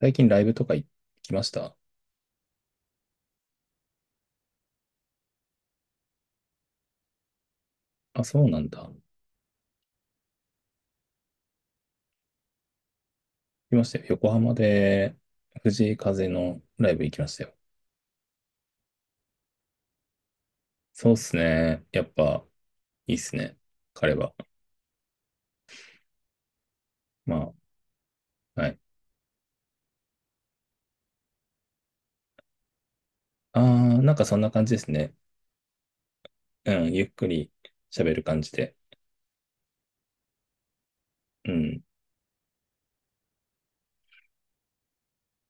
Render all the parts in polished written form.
最近ライブとか行きました？あ、そうなんだ。行きましたよ。横浜で藤井風のライブ行きましたよ。そうっすね。やっぱいいっすね。彼は。まあ、はい。あなんかそんな感じですね。うん、ゆっくり喋る感じで。うん。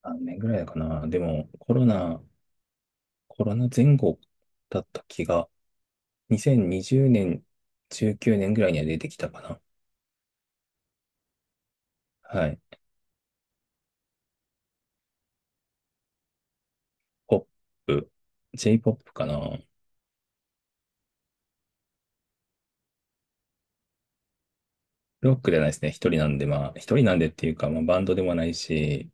何年ぐらいかな。でもコロナ前後だった気が、2020年、19年ぐらいには出てきたかな。はい。ポップ、j ポップかな。ロックじゃないですね。一人なんで、まあ、一人なんでっていうか、まあ、バンドでもないし、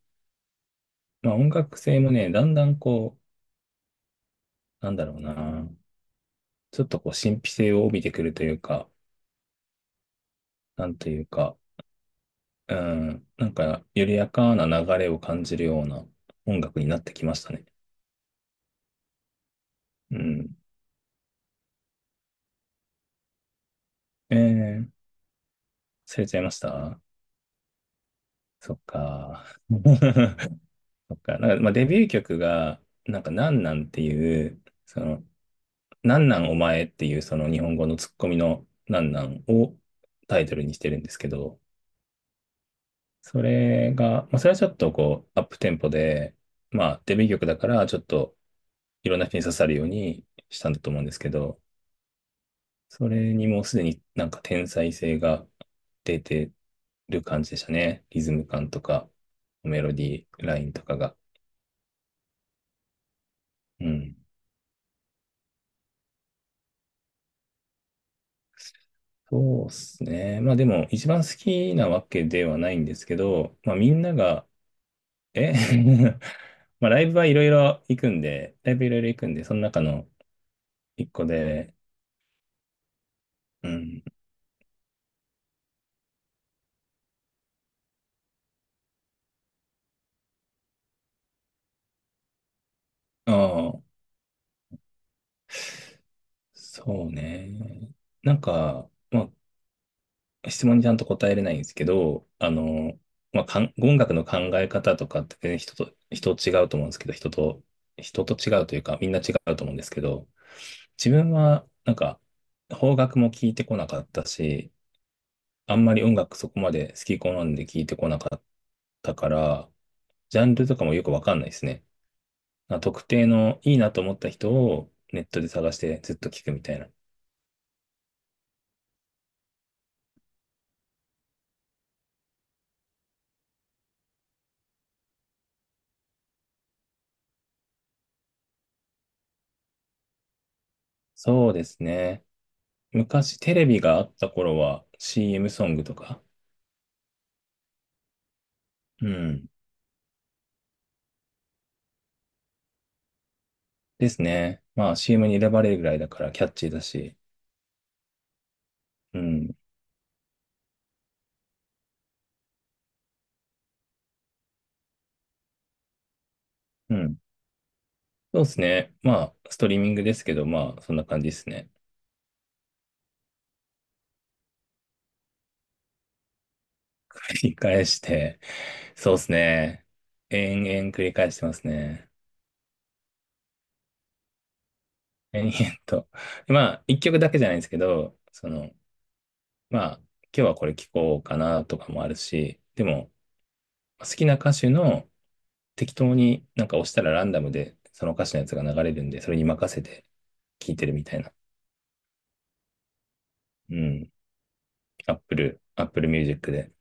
まあ、音楽性もね、だんだんこう、なんだろうな、ちょっとこう、神秘性を帯びてくるというか、なんというか、うん、なんか、緩やかな流れを感じるような音楽になってきましたね。うん。えー、忘れちゃいました？そっか。そっか。なんか、まあ、デビュー曲が、なんか、なんなんっていう、その、なんなんお前っていうその日本語のツッコミのなんなんをタイトルにしてるんですけど、それが、まあ、それはちょっとこう、アップテンポで、まあ、デビュー曲だから、ちょっといろんな人に刺さるようにしたんだと思うんですけど、それにもうすでになんか天才性が出てる感じでしたね。リズム感とか、メロディーラインとかが。うん。そうですね。まあでも、一番好きなわけではないんですけど、まあみんながえ まあ、ライブいろいろ行くんで、その中の一個で、うん、ああ、そうね。なんか、まあ、質問にちゃんと答えれないんですけど、あの、まあ、音楽の考え方とかって全然人違うと思うんですけど、人と違うというか、みんな違うと思うんですけど、自分は、なんか、邦楽も聞いてこなかったし、あんまり音楽そこまで好き好んで聞いてこなかったから、ジャンルとかもよくわかんないですね。あ、特定のいいなと思った人をネットで探してずっと聞くみたいな。そうですね。昔テレビがあった頃は CM ソングとか、うん。ですね。まあ CM に選ばれるぐらいだからキャッチーだし、うん。うん。そうですね。まあ、ストリーミングですけど、まあ、そんな感じですね。繰り返して、そうですね。延々繰り返してますね。延々と。まあ、一曲だけじゃないんですけど、その、まあ、今日はこれ聞こうかなとかもあるし、でも、好きな歌手の適当になんか押したらランダムでその歌手のやつが流れるんで、それに任せて聴いてるみたいな。うん。Apple Music で。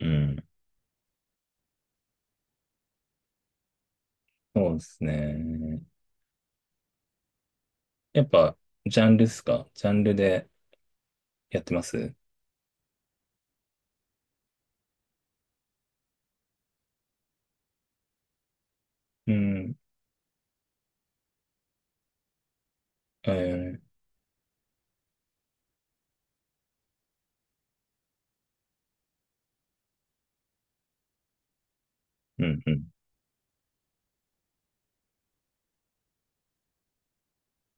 うん。そうですね。やっぱ、ジャンルっすか？ジャンルでやってます？うん。えー、うん、うん。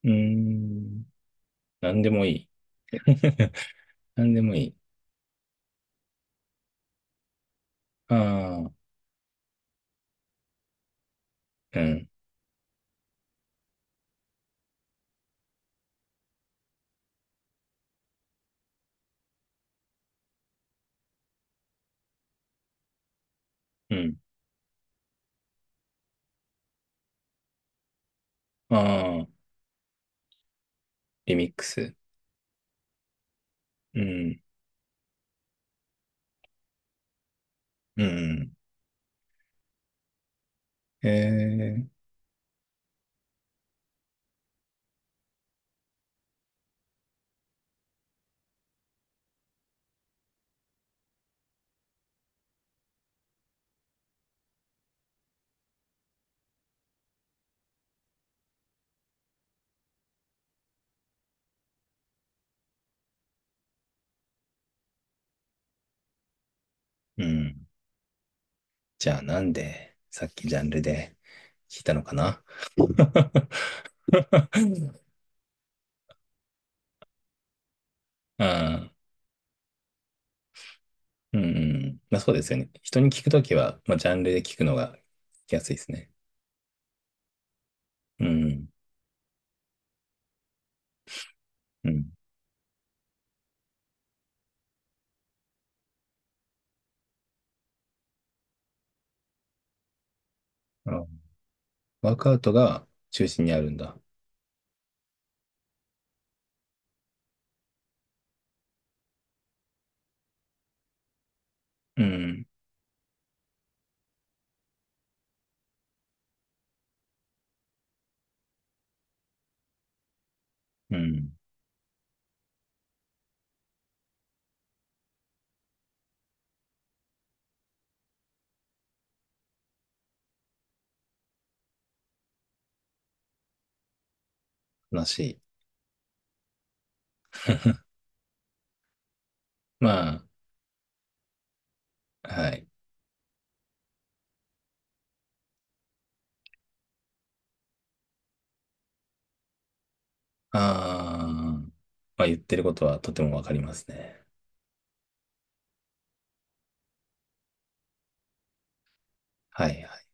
うーん。なんでもいい。なんでもいい。ああ、うん、うん。ああ、リミックス。うん、うん、うん、ええ、うん。じゃあなんで、さっきジャンルで聞いたのかな？ ああ、うんうん、まあそうですよね。人に聞くときは、まあ、ジャンルで聞くのが聞きやすいですね。うん、うん。あ、ワークアウトが中心にあるんだ。うん、うん。悲しい。まあ、はい。ああ、まあ言ってることはとてもわかりますね。はい、はい。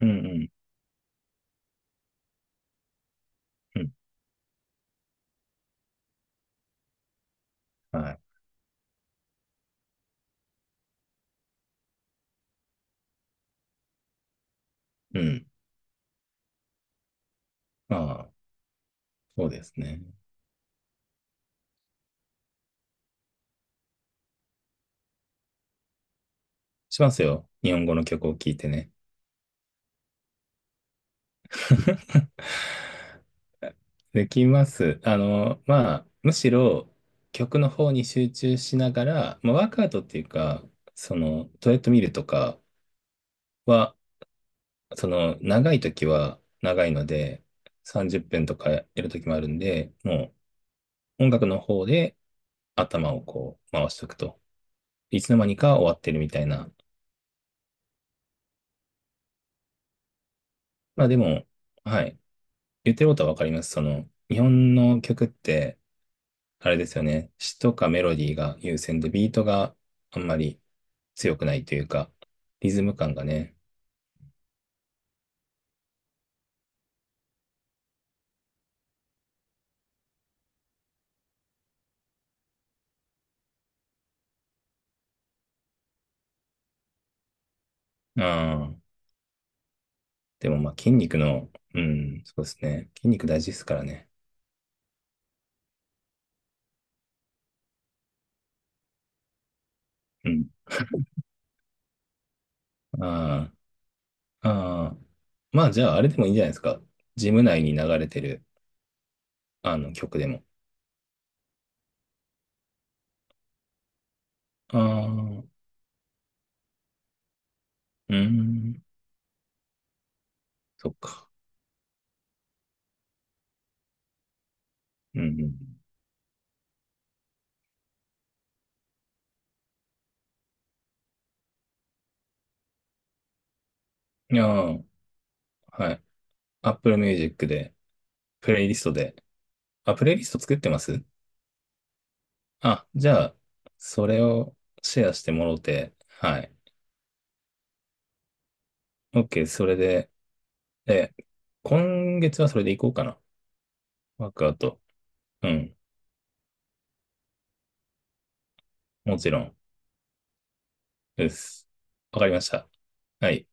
うん、うん、うん。はい。うん。ああ、そうですね。しますよ。日本語の曲を聴いてね。できます。あの、まあ、むしろ曲の方に集中しながら、まあ、ワークアウトっていうか、そのトレッドミルとかは、その長い時は長いので、30分とかやる時もあるんで、もう音楽の方で頭をこう回しておくと。いつの間にか終わってるみたいな。まあでも、はい。言ってることはわかります。その、日本の曲って、あれですよね。詩とかメロディーが優先で、ビートがあんまり強くないというか、リズム感がね。ああ、でもまあ筋肉の、うん、そうですね。筋肉大事ですからね。うん。ああ、ああ、まあじゃああれでもいいんじゃないですか。ジム内に流れてる、あの曲でも。ああ、うーん、そっか。うん、うん。ああ、はい。Apple Music で、プレイリストで。あ、プレイリスト作ってます？あ、じゃあ、それをシェアしてもろて、はい。OK、それで、え、今月はそれでいこうかな。ワークアウト。うん、もちろんです。わかりました。はい。